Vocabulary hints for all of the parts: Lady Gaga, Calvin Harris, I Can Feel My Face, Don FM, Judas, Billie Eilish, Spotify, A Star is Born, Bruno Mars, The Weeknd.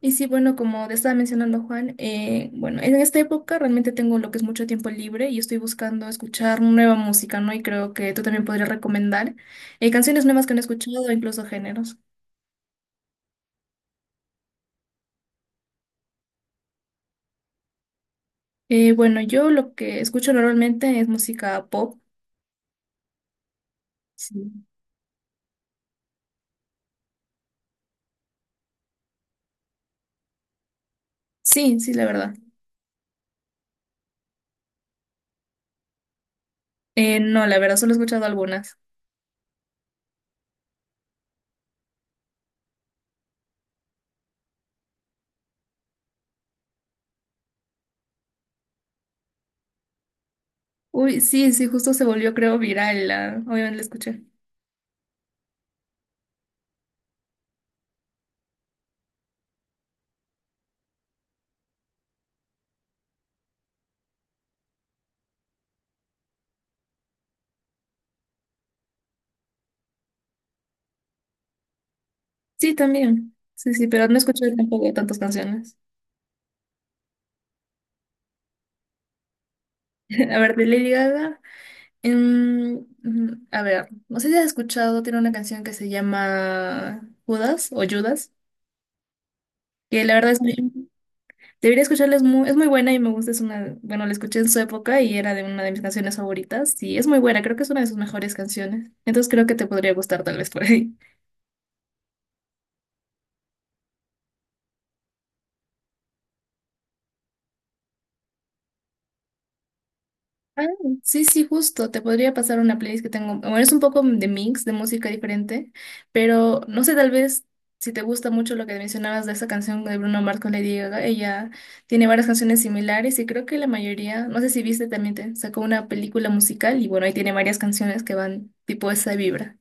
Y sí, bueno, como te estaba mencionando Juan, bueno, en esta época realmente tengo lo que es mucho tiempo libre y estoy buscando escuchar nueva música, ¿no? Y creo que tú también podrías recomendar canciones nuevas que no he escuchado o incluso géneros. Bueno, yo lo que escucho normalmente es música pop. Sí, sí, sí, la verdad. No, la verdad, solo he escuchado algunas. Uy, sí, sí, justo se volvió, creo, viral. Obviamente la escuché. Sí, también. Sí, sí, pero no escuché tampoco tantas canciones. A ver, de Lady Gaga. A ver, no sé si has escuchado, tiene una canción que se llama Judas o Judas, que la verdad es muy, debería escucharla, es muy buena y me gusta, es una, bueno, la escuché en su época y era de una de mis canciones favoritas y es muy buena, creo que es una de sus mejores canciones, entonces creo que te podría gustar tal vez por ahí. Ah, sí, sí, justo. Te podría pasar una playlist que tengo. Bueno, es un poco de mix, de música diferente, pero no sé, tal vez si te gusta mucho lo que mencionabas de esa canción de Bruno Mars con Lady Gaga, ella tiene varias canciones similares y creo que la mayoría, no sé si viste, también te sacó una película musical y bueno, ahí tiene varias canciones que van tipo esa vibra.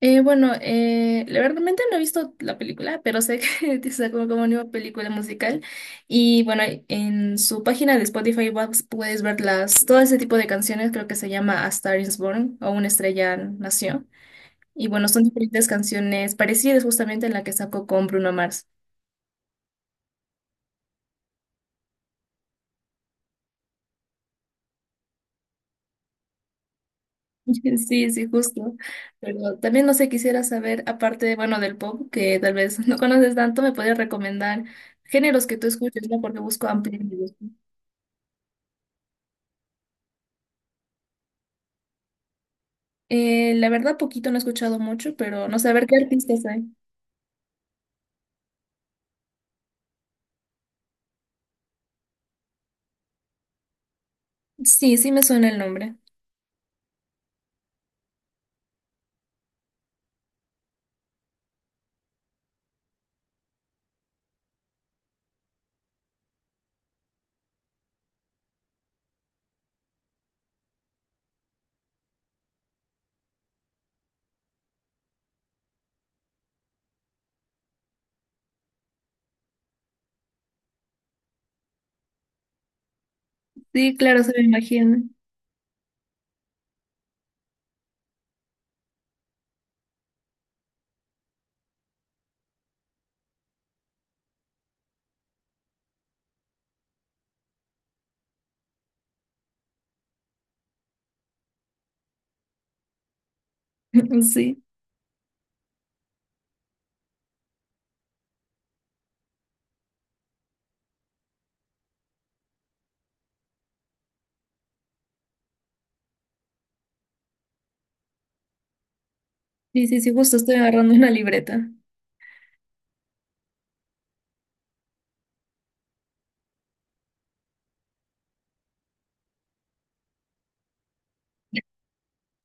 Bueno, la verdad realmente no he visto la película, pero sé que sacó como nueva película musical. Y bueno, en su página de Spotify puedes ver todo ese tipo de canciones, creo que se llama A Star is Born o Una estrella nació. Y bueno, son diferentes canciones parecidas justamente a la que sacó con Bruno Mars. Sí, sí, justo. Pero también no sé, quisiera saber, aparte, bueno, del pop, que tal vez no conoces tanto, me podrías recomendar géneros que tú escuches, ¿no? Porque busco ampliar mi gusto. La verdad, poquito no he escuchado mucho, pero no sé, a ver qué artistas hay. Sí, sí me suena el nombre. Sí, claro, se me imagina. Sí, sí, sí, sí, justo estoy agarrando una libreta.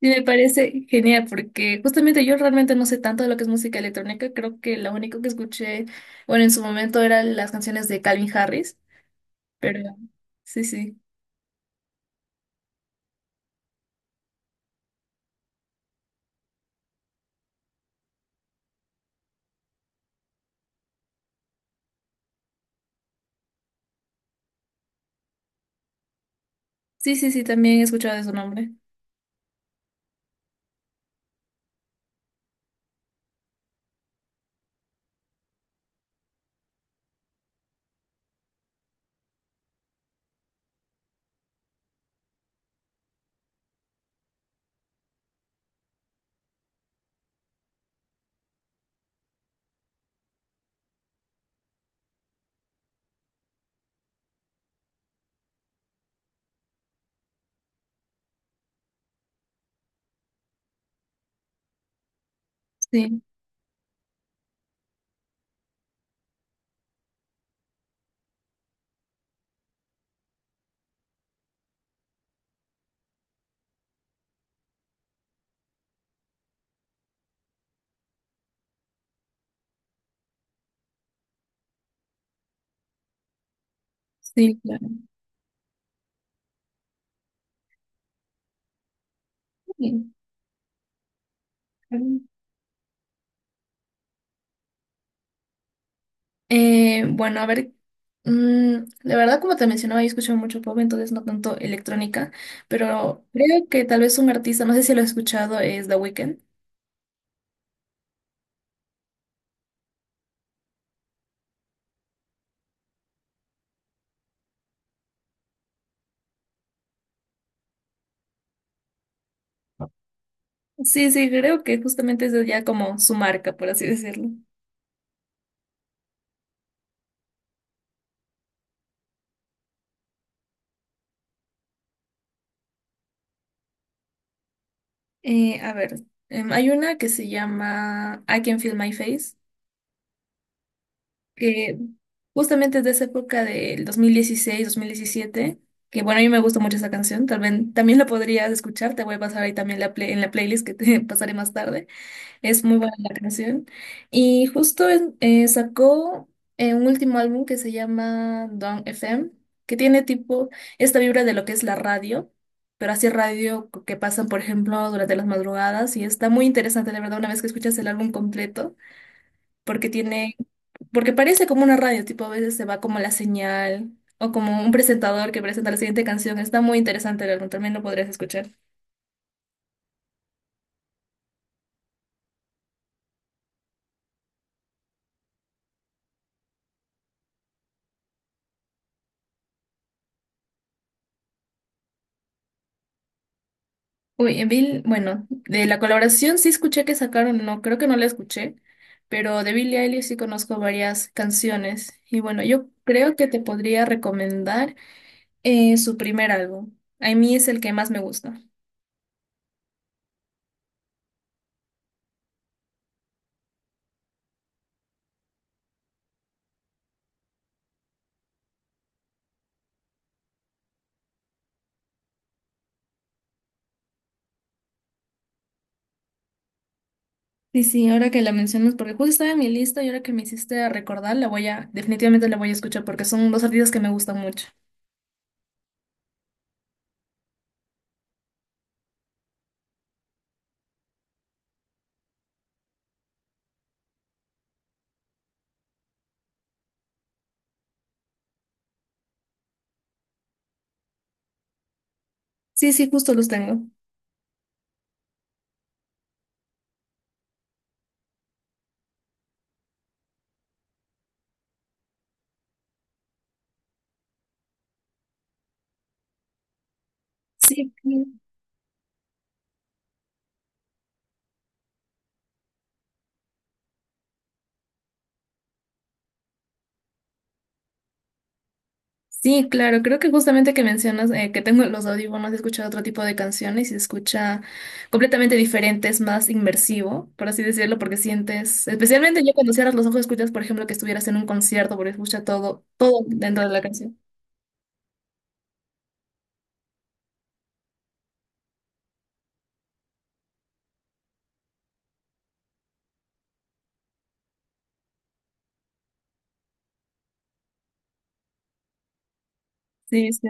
Sí, me parece genial porque justamente yo realmente no sé tanto de lo que es música electrónica. Creo que lo único que escuché, bueno, en su momento eran las canciones de Calvin Harris, pero sí, sí. Sí, sí, sí, también he escuchado de su nombre. Sí, sí, claro. Sí. Bueno, a ver, mm, la verdad, como te mencionaba, yo escucho mucho pop, entonces no tanto electrónica, pero creo que tal vez un artista, no sé si lo he escuchado, es The Weeknd. Sí, sí, creo que justamente es ya como su marca, por así decirlo. A ver, hay una que se llama I Can Feel My Face, que justamente es de esa época del dos mil dieciséis, 2017, que bueno, a mí me gusta mucho esa canción, tal vez también la podrías escuchar, te voy a pasar ahí también en la playlist que te pasaré más tarde. Es muy buena la canción. Y justo sacó un último álbum que se llama Don FM, que tiene tipo esta vibra de lo que es la radio, pero así radio que pasan, por ejemplo, durante las madrugadas. Y está muy interesante, de verdad, una vez que escuchas el álbum completo, porque tiene, porque parece como una radio, tipo a veces se va como la señal o como un presentador que presenta la siguiente canción. Está muy interesante el álbum, también lo podrías escuchar. Uy, bueno, de la colaboración sí escuché que sacaron, no, creo que no la escuché, pero de Billie Eilish sí conozco varias canciones. Y bueno, yo creo que te podría recomendar su primer álbum. A mí es el que más me gusta. Sí, sí, ahora que la mencionas, porque justo estaba en mi lista y ahora que me hiciste recordar, la voy a, definitivamente la voy a escuchar porque son dos artistas que me gustan mucho. Sí, sí, justo los tengo. Sí. Sí, claro, creo que justamente que mencionas que tengo los audífonos, he escuchado otro tipo de canciones y se escucha completamente diferente, es más inmersivo, por así decirlo, porque sientes, especialmente yo cuando cierras los ojos escuchas, por ejemplo, que estuvieras en un concierto, porque escucha todo, todo dentro de la canción. Sí, sí.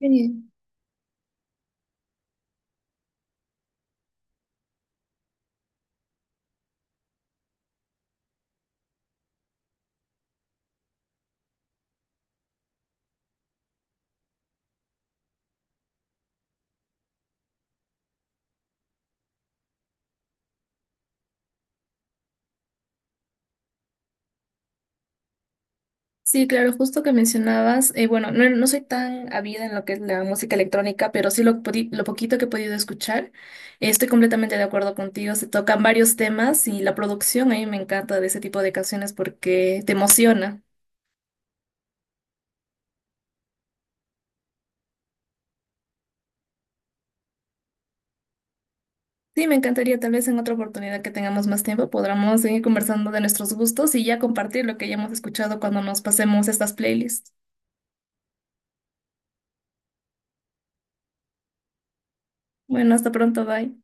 Sí. Sí, claro, justo que mencionabas, bueno, no, no soy tan avida en lo que es la música electrónica, pero sí lo poquito que he podido escuchar, estoy completamente de acuerdo contigo, se tocan varios temas y la producción a mí me encanta de ese tipo de canciones porque te emociona. Sí, me encantaría tal vez en otra oportunidad que tengamos más tiempo podamos seguir conversando de nuestros gustos y ya compartir lo que hayamos escuchado cuando nos pasemos estas playlists. Bueno, hasta pronto, bye.